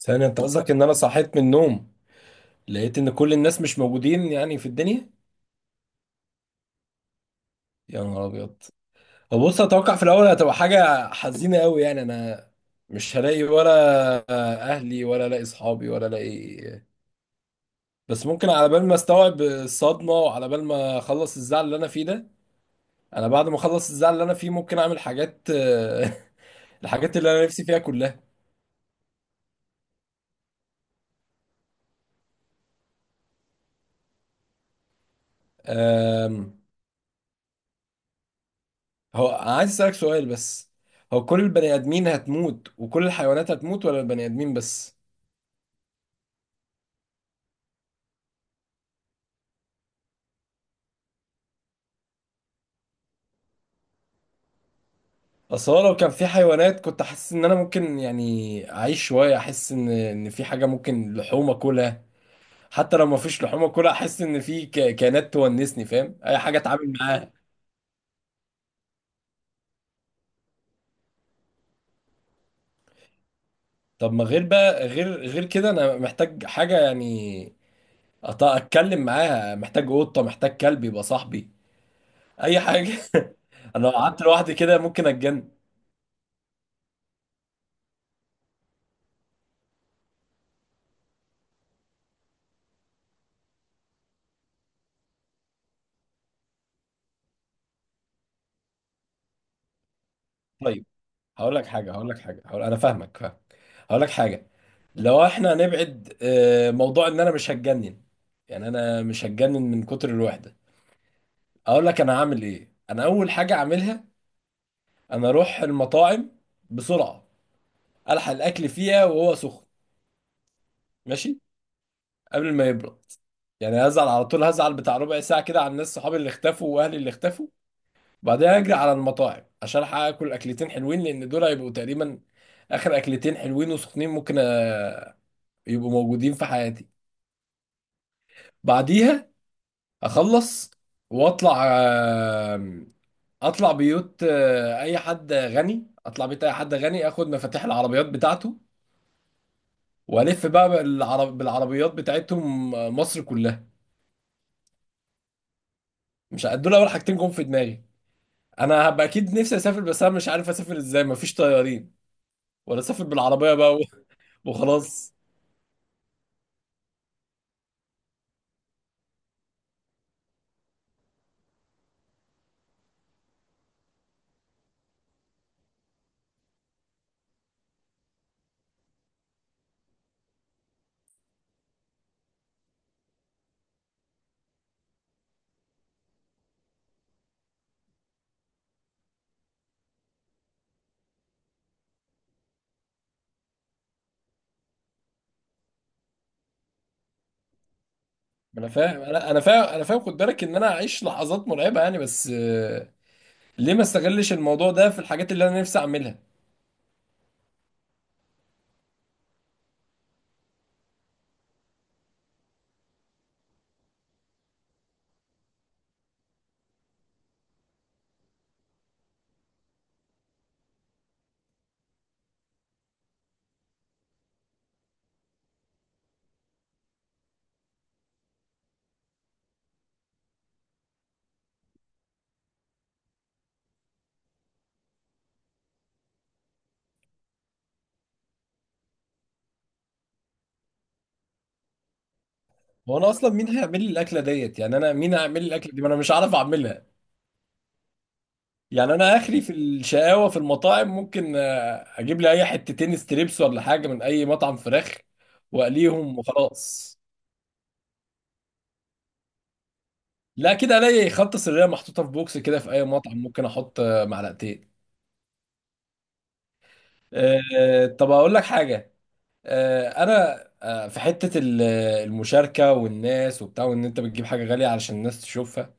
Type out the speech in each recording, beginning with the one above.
ثانية انت قصدك ان انا صحيت من النوم لقيت ان كل الناس مش موجودين يعني في الدنيا؟ يا نهار ابيض. هو بص اتوقع في الاول هتبقى حاجة حزينة قوي، يعني انا مش هلاقي ولا اهلي ولا الاقي اصحابي ولا الاقي، بس ممكن على بال ما استوعب الصدمة وعلى بال ما اخلص الزعل اللي انا فيه ده، انا بعد ما اخلص الزعل اللي انا فيه ممكن اعمل حاجات الحاجات اللي انا نفسي فيها كلها. أم، هو أنا عايز اسالك سؤال بس، هو كل البني ادمين هتموت وكل الحيوانات هتموت ولا البني ادمين بس؟ اصل هو لو كان في حيوانات كنت احس ان انا ممكن يعني اعيش شويه، احس ان في حاجه ممكن لحوم اكلها. حتى لو ما فيش لحوم اكلها احس ان في كائنات تونسني، فاهم، اي حاجه اتعامل معاها. طب ما غير بقى غير كده انا محتاج حاجه يعني اتكلم معاها، محتاج قطه، محتاج كلب يبقى صاحبي، اي حاجه. انا لو قعدت لوحدي كده ممكن اتجنن. طيب، هقول لك حاجه هقول لك حاجه هقول... انا فاهمك، فاهم. هقول لك حاجه، لو احنا هنبعد موضوع ان انا مش هتجنن، يعني انا مش هتجنن من كتر الوحده، اقول لك انا هعمل ايه. انا اول حاجه اعملها انا اروح المطاعم بسرعه، الحق الاكل فيها وهو سخن، ماشي، قبل ما يبرد. يعني هزعل على طول، هزعل بتاع 1/4 ساعه كده على الناس، صحابي اللي اختفوا واهلي اللي اختفوا، بعدين اجري على المطاعم عشان الحق اكل اكلتين حلوين، لان دول هيبقوا تقريبا اخر اكلتين حلوين وسخنين ممكن يبقوا موجودين في حياتي. بعديها اخلص واطلع اطلع بيوت اي حد غني، اطلع بيت اي حد غني، اخد مفاتيح العربيات بتاعته والف بقى بالعربيات بتاعتهم مصر كلها. مش ه- دول اول حاجتين جم في دماغي. انا هبقى اكيد نفسي اسافر، بس انا مش عارف اسافر ازاي، مفيش طيارين، ولا اسافر بالعربيه بقى وخلاص. انا فاهم، انا فاهم، انا فاهم، خد بالك ان انا اعيش لحظات مرعبه يعني، بس ليه ما استغلش الموضوع ده في الحاجات اللي انا نفسي اعملها؟ هو انا اصلا مين هيعمل لي الاكله ديت؟ يعني انا مين هيعمل لي الاكله دي؟ ما انا مش عارف اعملها. يعني انا اخري في الشقاوه في المطاعم ممكن اجيب لي اي حتتين ستريبس ولا حاجه من اي مطعم فراخ واقليهم وخلاص. لا كده الاقي خلطه سريه محطوطه في بوكس كده في اي مطعم، ممكن احط معلقتين. طب اقول لك حاجه، انا في حته المشاركه والناس وبتاع، وان انت بتجيب حاجه غاليه علشان الناس تشوفها،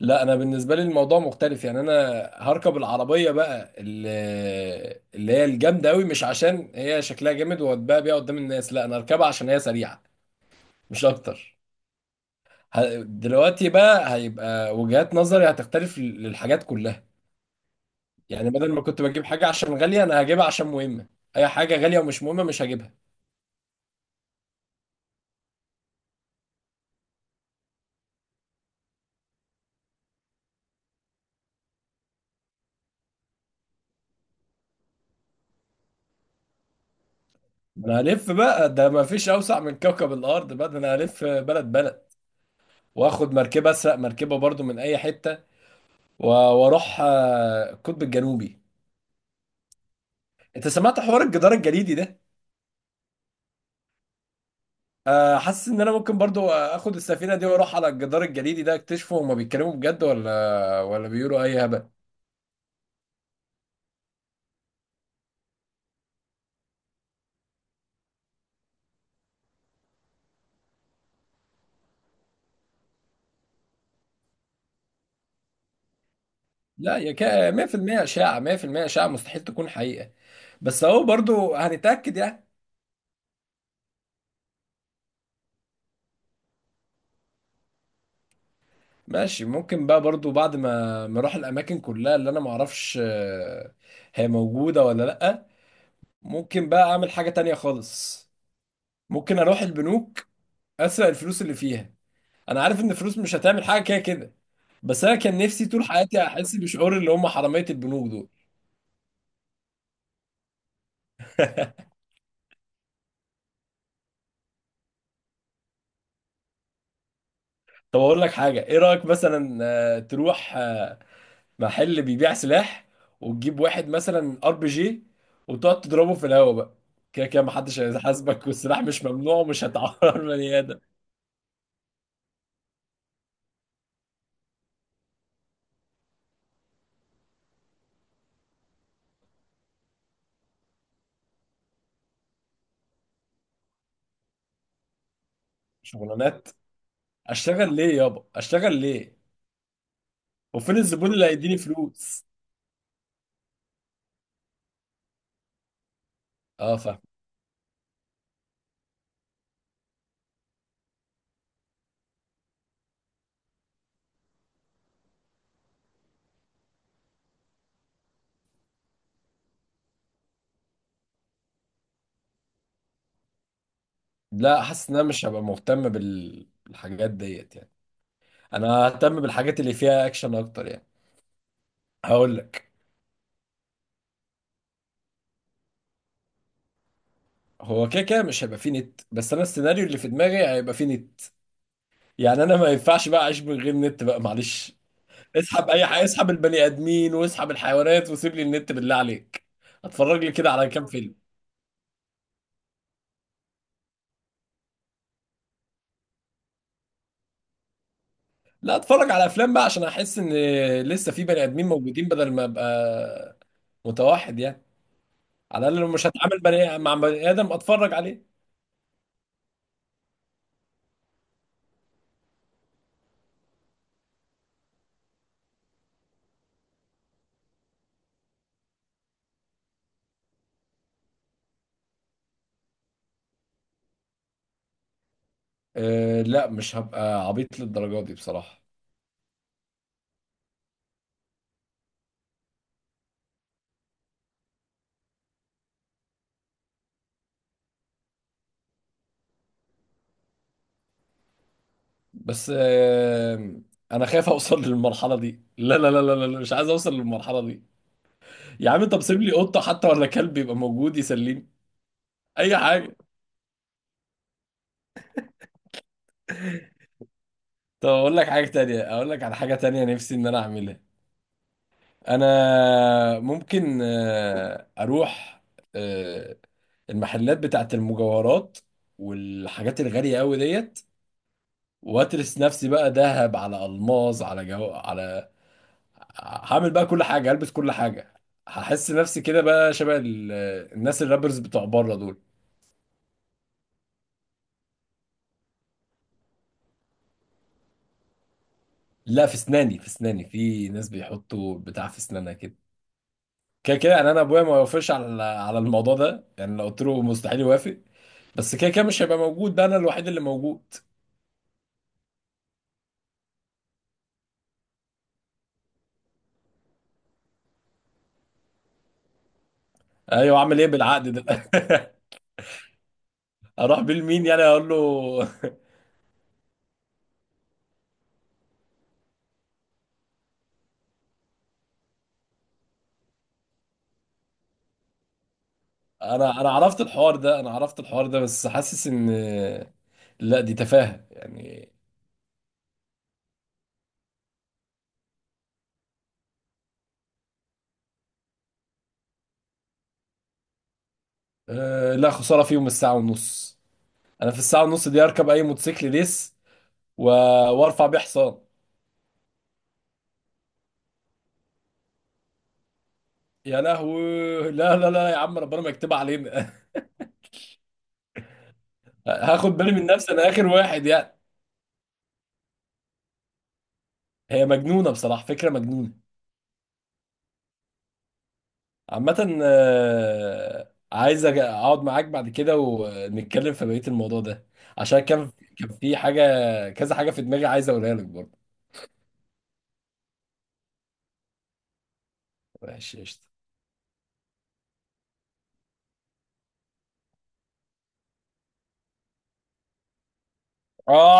لا انا بالنسبه لي الموضوع مختلف. يعني انا هركب العربيه بقى اللي هي الجامده قوي، مش عشان هي شكلها جامد واتباع بيها قدام الناس، لا انا هركبها عشان هي سريعه، مش اكتر. دلوقتي بقى هيبقى وجهات نظري هتختلف للحاجات كلها. يعني بدل ما كنت بجيب حاجه عشان غاليه، انا هجيبها عشان مهمه، اي حاجه غاليه ومش مهمه مش هجيبها. انا هلف بقى، ده ما فيش اوسع من كوكب الارض، بقى ده انا هلف بلد بلد، واخد مركبه، اسرق مركبه برضو من اي حته واروح القطب الجنوبي. انت سمعت حوار الجدار الجليدي ده؟ حاسس ان انا ممكن برضو اخد السفينه دي واروح على الجدار الجليدي ده اكتشفه، هما بيتكلموا بجد ولا بيقولوا اي هبل؟ لا يا كا، 100% اشاعه، 100% اشاعه، مستحيل تكون حقيقه، بس اهو برضو هنتاكد يعني. ماشي، ممكن بقى برضو بعد ما اروح الاماكن كلها اللي انا ما اعرفش هي موجوده ولا لا، ممكن بقى اعمل حاجه تانية خالص، ممكن اروح البنوك اسرق الفلوس اللي فيها. انا عارف ان الفلوس مش هتعمل حاجه كده كده، بس انا كان نفسي طول حياتي احس بشعور اللي هم حراميه البنوك دول. طب اقول لك حاجه، ايه رايك مثلا تروح محل بيبيع سلاح وتجيب واحد مثلا ار بي جي وتقعد تضربه في الهوا بقى؟ كده كده محدش هيحاسبك، والسلاح مش ممنوع ومش هتعور بني ادم. شغلانات، اشتغل ليه يابا، اشتغل ليه؟ وفين الزبون اللي هيديني فلوس؟ اه فاهم. لا حاسس ان انا مش هبقى مهتم بالحاجات ديت يعني، انا اهتم بالحاجات اللي فيها اكشن اكتر يعني. هقول لك، هو كده كده مش هيبقى فيه نت، بس انا السيناريو اللي في دماغي هيبقى فيه نت، يعني انا ما ينفعش بقى اعيش من غير نت بقى، معلش. اسحب اي حاجه، اسحب البني ادمين واسحب الحيوانات وسيب لي النت بالله عليك، اتفرج لي كده على كام فيلم. لا اتفرج على افلام بقى عشان احس ان لسه في بني ادمين موجودين بدل ما ابقى متوحد يعني، على الاقل لو مش هتعامل بني مع بني ادم اتفرج عليه. أه لا مش هبقى عبيط للدرجه دي بصراحه. بس انا خايف اوصل للمرحله دي، لا لا لا لا لا، مش عايز اوصل للمرحله دي. يا عم طب سيب لي قطه حتى ولا كلب يبقى موجود يسليني، اي حاجه. طب اقول لك حاجه تانية، اقول لك على حاجه تانية نفسي ان انا اعملها، انا ممكن اروح آه، المحلات بتاعت المجوهرات والحاجات الغاليه قوي ديت، واترس نفسي بقى ذهب على الماظ على، هعمل بقى كل حاجه، هلبس كل حاجه، هحس نفسي كده بقى شبه الناس الرابرز بتوع بره دول. لا في اسناني، في اسناني، في ناس بيحطوا بتاع في اسنانها كده. كده كده يعني انا ابويا ما يوافقش على على الموضوع ده، يعني لو قلت له مستحيل يوافق، بس كده كده مش هيبقى موجود، ده انا الوحيد اللي موجود. ايوه، اعمل ايه بالعقد ده؟ اروح بيه لمين يعني، اقول له؟ انا عرفت الحوار ده، انا عرفت الحوار ده، بس حاسس ان لا دي تفاهة يعني. لا خسارة فيهم الساعة ونص، انا في الساعه ونص دي اركب اي موتوسيكل ريس و... وارفع بيه حصان. يا لهوي لا لا لا، يا عم ربنا ما يكتبها علينا. هاخد بالي من نفسي انا، اخر واحد يعني. هي مجنونه بصراحه، فكره مجنونه. عامه عايز اقعد معاك بعد كده ونتكلم في بقيه الموضوع ده، عشان كان، كان في حاجه، كذا حاجه في دماغي عايز اقولها لك برضه. ماشي قشطه. آه